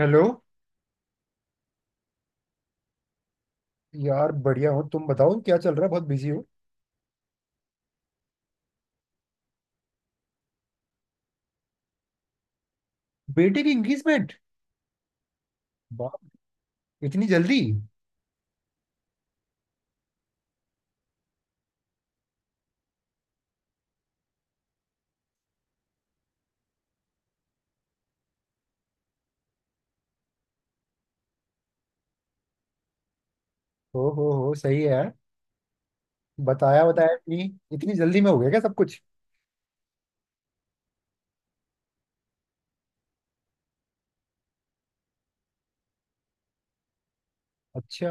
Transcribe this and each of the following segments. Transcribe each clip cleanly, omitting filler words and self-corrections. Hello. यार बढ़िया। हो तुम, बताओ क्या चल रहा है? बहुत बिजी हो? बेटे की एंगेजमेंट? बाप, इतनी जल्दी? ओ हो, सही है यार। बताया बताया, इतनी इतनी जल्दी में हो गया क्या सब कुछ? अच्छा।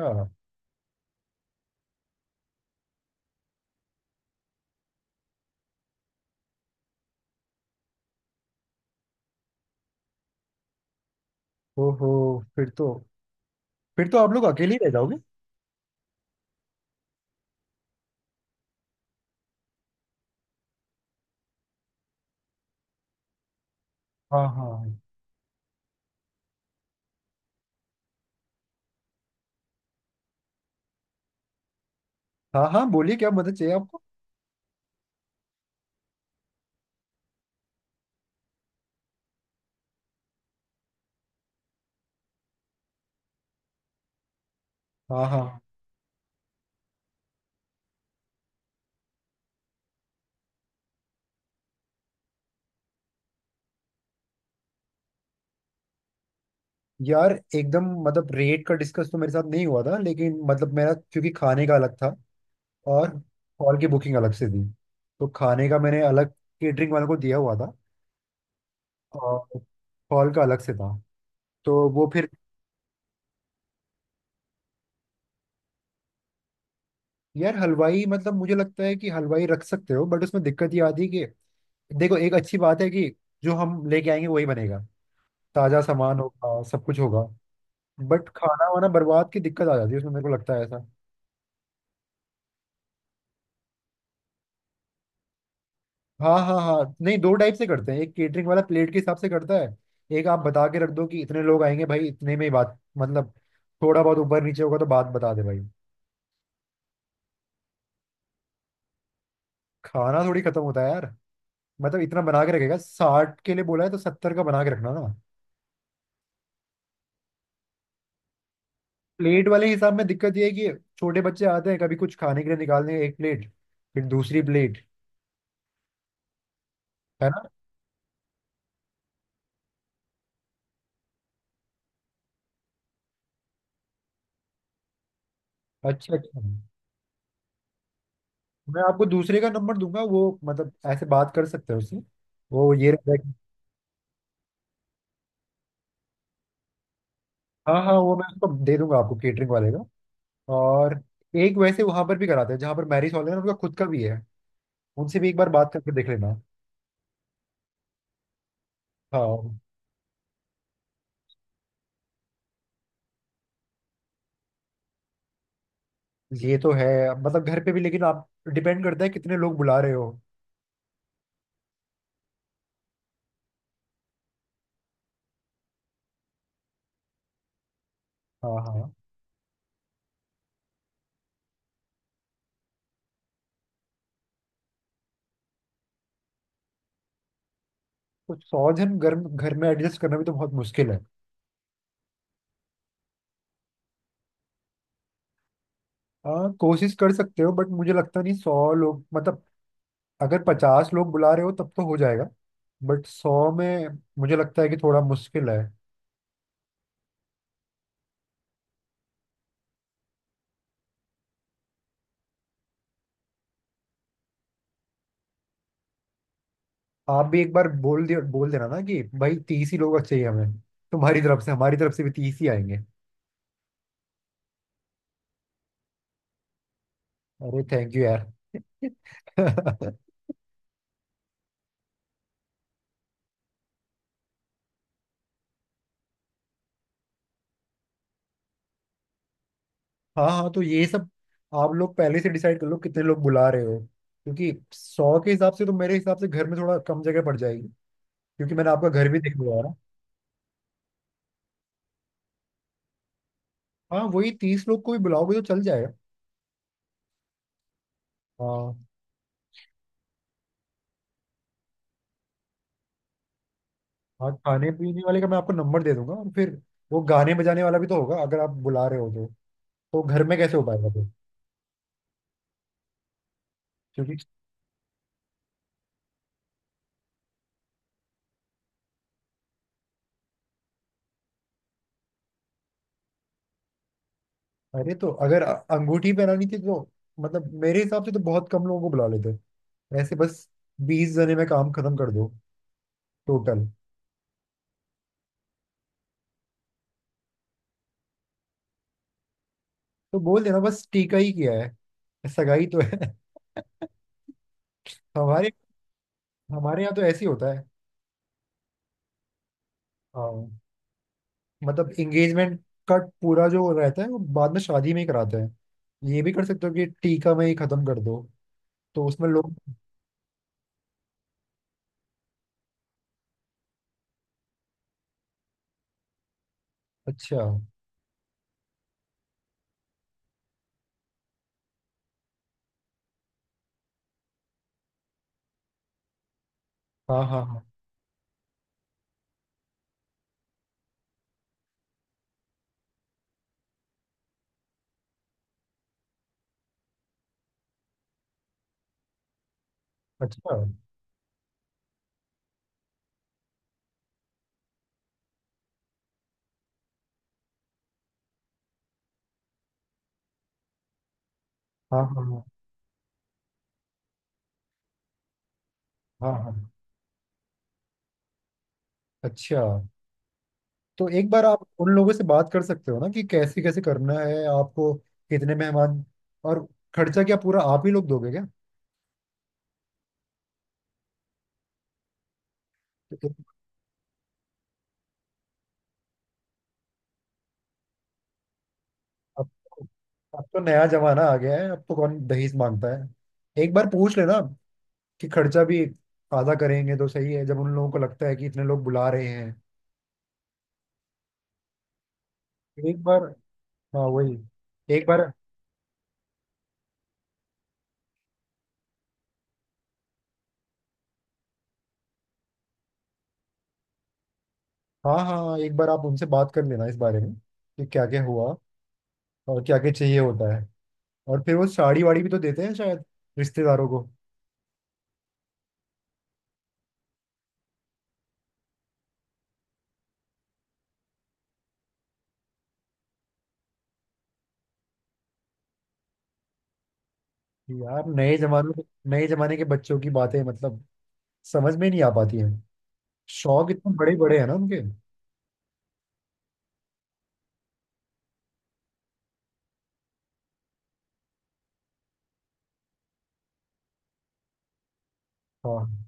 ओ हो। फिर तो फिर तो आप लोग अकेले ही रह जाओगे। हाँ हाँ। हाँ हाँ, बोलिए क्या मदद चाहिए आपको? हाँ हाँ। यार एकदम, मतलब रेट का डिस्कस तो मेरे साथ नहीं हुआ था, लेकिन मतलब मेरा, क्योंकि खाने का अलग था। और हॉल की बुकिंग अलग से थी। तो खाने का मैंने अलग केटरिंग वालों को दिया हुआ था। और फॉल का अलग से था। तो वो फिर। यार हलवाई मतलब मुझे लगता है कि हलवाई रख सकते हो, बट उसमें दिक्कत ये आती है कि देखो, एक अच्छी बात है कि जो हम लेके आएंगे वही बनेगा। ताजा सामान होगा, सब कुछ होगा। बट खाना वाना बर्बाद की दिक्कत आ जाती है उसमें, मेरे को लगता है ऐसा। हाँ हाँ हाँ, नहीं दो टाइप से करते हैं। एक केटरिंग वाला प्लेट के हिसाब से करता है, एक आप बता के रख दो कि इतने लोग आएंगे भाई, इतने में ही बात मतलब। थोड़ा बहुत ऊपर नीचे होगा तो बात बता दे भाई। खाना थोड़ी खत्म होता है यार। मतलब इतना बना के रखेगा, साठ के लिए बोला है तो सत्तर का बना के रखना ना। प्लेट वाले हिसाब में दिक्कत ये है कि छोटे बच्चे आते हैं, कभी कुछ खाने के लिए निकालने एक प्लेट, फिर दूसरी प्लेट। है ना। अच्छा अच्छा। मैं आपको दूसरे का नंबर दूंगा, वो मतलब ऐसे बात कर सकते हैं उससे। वो ये रहता है कि- हाँ हाँ, वो मैं उसको दे दूंगा आपको केटरिंग वाले का। और एक वैसे वहां पर भी कराते हैं जहाँ पर मैरिज हॉल है ना, उनका खुद का भी है। उनसे भी एक बार बात करके देख लेना। हाँ, ये तो है। मतलब घर पे भी, लेकिन आप डिपेंड करता है कितने लोग बुला रहे हो। हाँ हाँ। तो सौ जन घर घर में एडजस्ट करना भी तो बहुत मुश्किल है। हाँ कोशिश कर सकते हो, बट मुझे लगता नहीं सौ लोग मतलब। अगर पचास लोग बुला रहे हो तब तो हो जाएगा। बट सौ में मुझे लगता है कि थोड़ा मुश्किल है। आप भी एक बार बोल देना ना कि भाई तीस ही लोग चाहिए हमें। तुम्हारी तरफ से, हमारी तरफ से भी तीस ही आएंगे। अरे थैंक यू यार। हाँ हाँ, तो ये सब आप लोग पहले से डिसाइड कर लो कितने लोग बुला रहे हो। क्योंकि सौ के हिसाब से तो मेरे हिसाब से घर में थोड़ा कम जगह पड़ जाएगी। क्योंकि मैंने आपका घर भी देख लिया है। हाँ वही, तीस लोग को भी बुलाओगे तो चल जाएगा। हाँ हाँ, खाने पीने वाले का मैं आपको नंबर दे दूंगा और फिर वो गाने बजाने वाला भी तो होगा, अगर आप बुला रहे हो तो। तो घर में कैसे हो पाएगा फिर? क्योंकि, अरे तो अगर अंगूठी पहनानी थी तो, मतलब मेरे हिसाब से तो बहुत कम लोगों को बुला लेते। ऐसे बस बीस जने में काम खत्म कर दो, टोटल। तो बोल देना बस टीका ही किया है, सगाई तो है। हमारे हमारे यहाँ तो ऐसे ही होता है। हाँ। मतलब एंगेजमेंट का पूरा जो रहता है वो बाद में शादी में ही कराते हैं। ये भी कर सकते हो कि टीका में ही खत्म कर दो। तो उसमें लोग, अच्छा। हाँ हाँ हाँ। अच्छा। हाँ हाँ हाँ हाँ हाँ। अच्छा। तो एक बार आप उन लोगों से बात कर सकते हो ना, कि कैसे कैसे करना है आपको, कितने मेहमान, और खर्चा क्या पूरा आप ही लोग दोगे क्या? तो एक- अब अब तो नया जमाना आ गया है, अब तो कौन दहेज मांगता है, एक बार पूछ लेना कि खर्चा भी आधा करेंगे तो सही है, जब उन लोगों को लगता है कि इतने लोग बुला रहे हैं। एक बार, हाँ वही, एक बार, हाँ हाँ हाँ, एक बार आप उनसे बात कर लेना इस बारे में कि क्या क्या हुआ और क्या क्या चाहिए होता है। और फिर वो साड़ी वाड़ी भी तो देते हैं शायद रिश्तेदारों को। यार, नए जमाने के बच्चों की बातें मतलब समझ में नहीं आ पाती हैं। शौक इतने बड़े बड़े हैं ना उनके। हाँ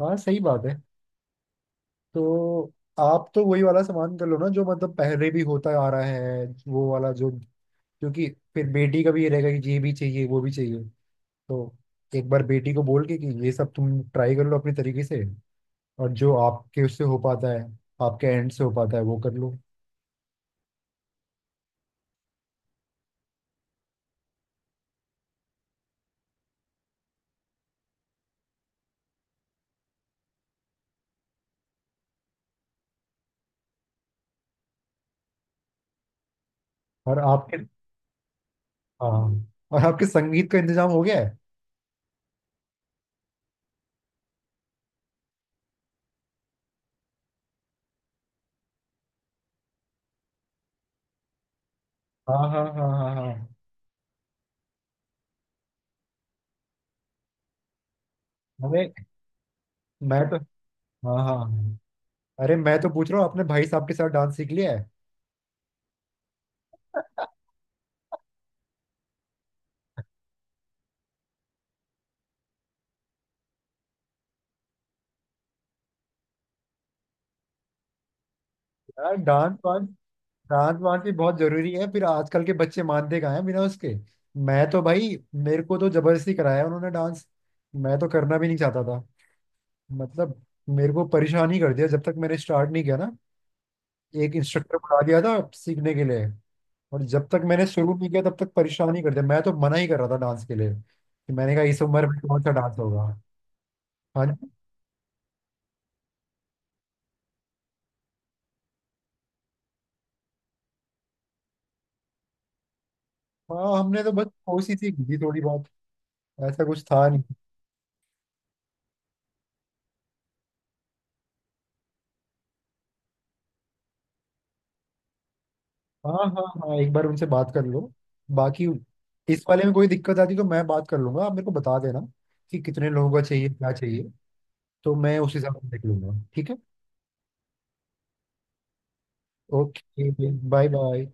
हाँ, सही बात है। तो आप तो वही वाला सामान कर लो ना, जो मतलब पहले भी होता आ रहा है वो वाला जो, क्योंकि फिर बेटी का भी ये रहेगा कि ये भी चाहिए वो भी चाहिए। तो एक बार बेटी को बोल के कि ये सब तुम ट्राई कर लो अपने तरीके से, और जो आपके उससे हो पाता है, आपके एंड से हो पाता है वो कर लो। और आप फिर- हाँ, और आपके संगीत का इंतजाम हो गया है? हाँ हाँ हाँ हाँ हाँ। अरे मैं तो हाँ हाँ, अरे मैं तो पूछ रहा हूँ अपने भाई साहब के साथ डांस सीख लिया है? यार डांस वांस, डांट मारती बहुत जरूरी है, फिर आजकल के बच्चे मानते कहाँ हैं बिना उसके। मैं तो भाई, मेरे को तो जबरदस्ती कराया उन्होंने डांस। मैं तो करना भी नहीं चाहता था, मतलब मेरे को परेशान ही कर दिया जब तक मैंने स्टार्ट नहीं किया ना। एक इंस्ट्रक्टर बुला दिया था सीखने के लिए, और जब तक मैंने शुरू नहीं किया तब तक परेशान ही कर दिया। मैं तो मना ही कर रहा था डांस के लिए, कि मैंने कहा इस उम्र में कौन सा डांस होगा। हाँ जी। हाँ हमने तो बस कोशिश ही की थी थोड़ी बहुत, ऐसा कुछ था नहीं। हाँ हाँ हाँ, एक बार उनसे बात कर लो। बाकी इस वाले में कोई दिक्कत आती तो मैं बात कर लूंगा, आप मेरे को बता देना कि कितने लोगों का चाहिए, क्या चाहिए। तो मैं उस हिसाब से देख लूंगा, ठीक है। Okay, bye bye.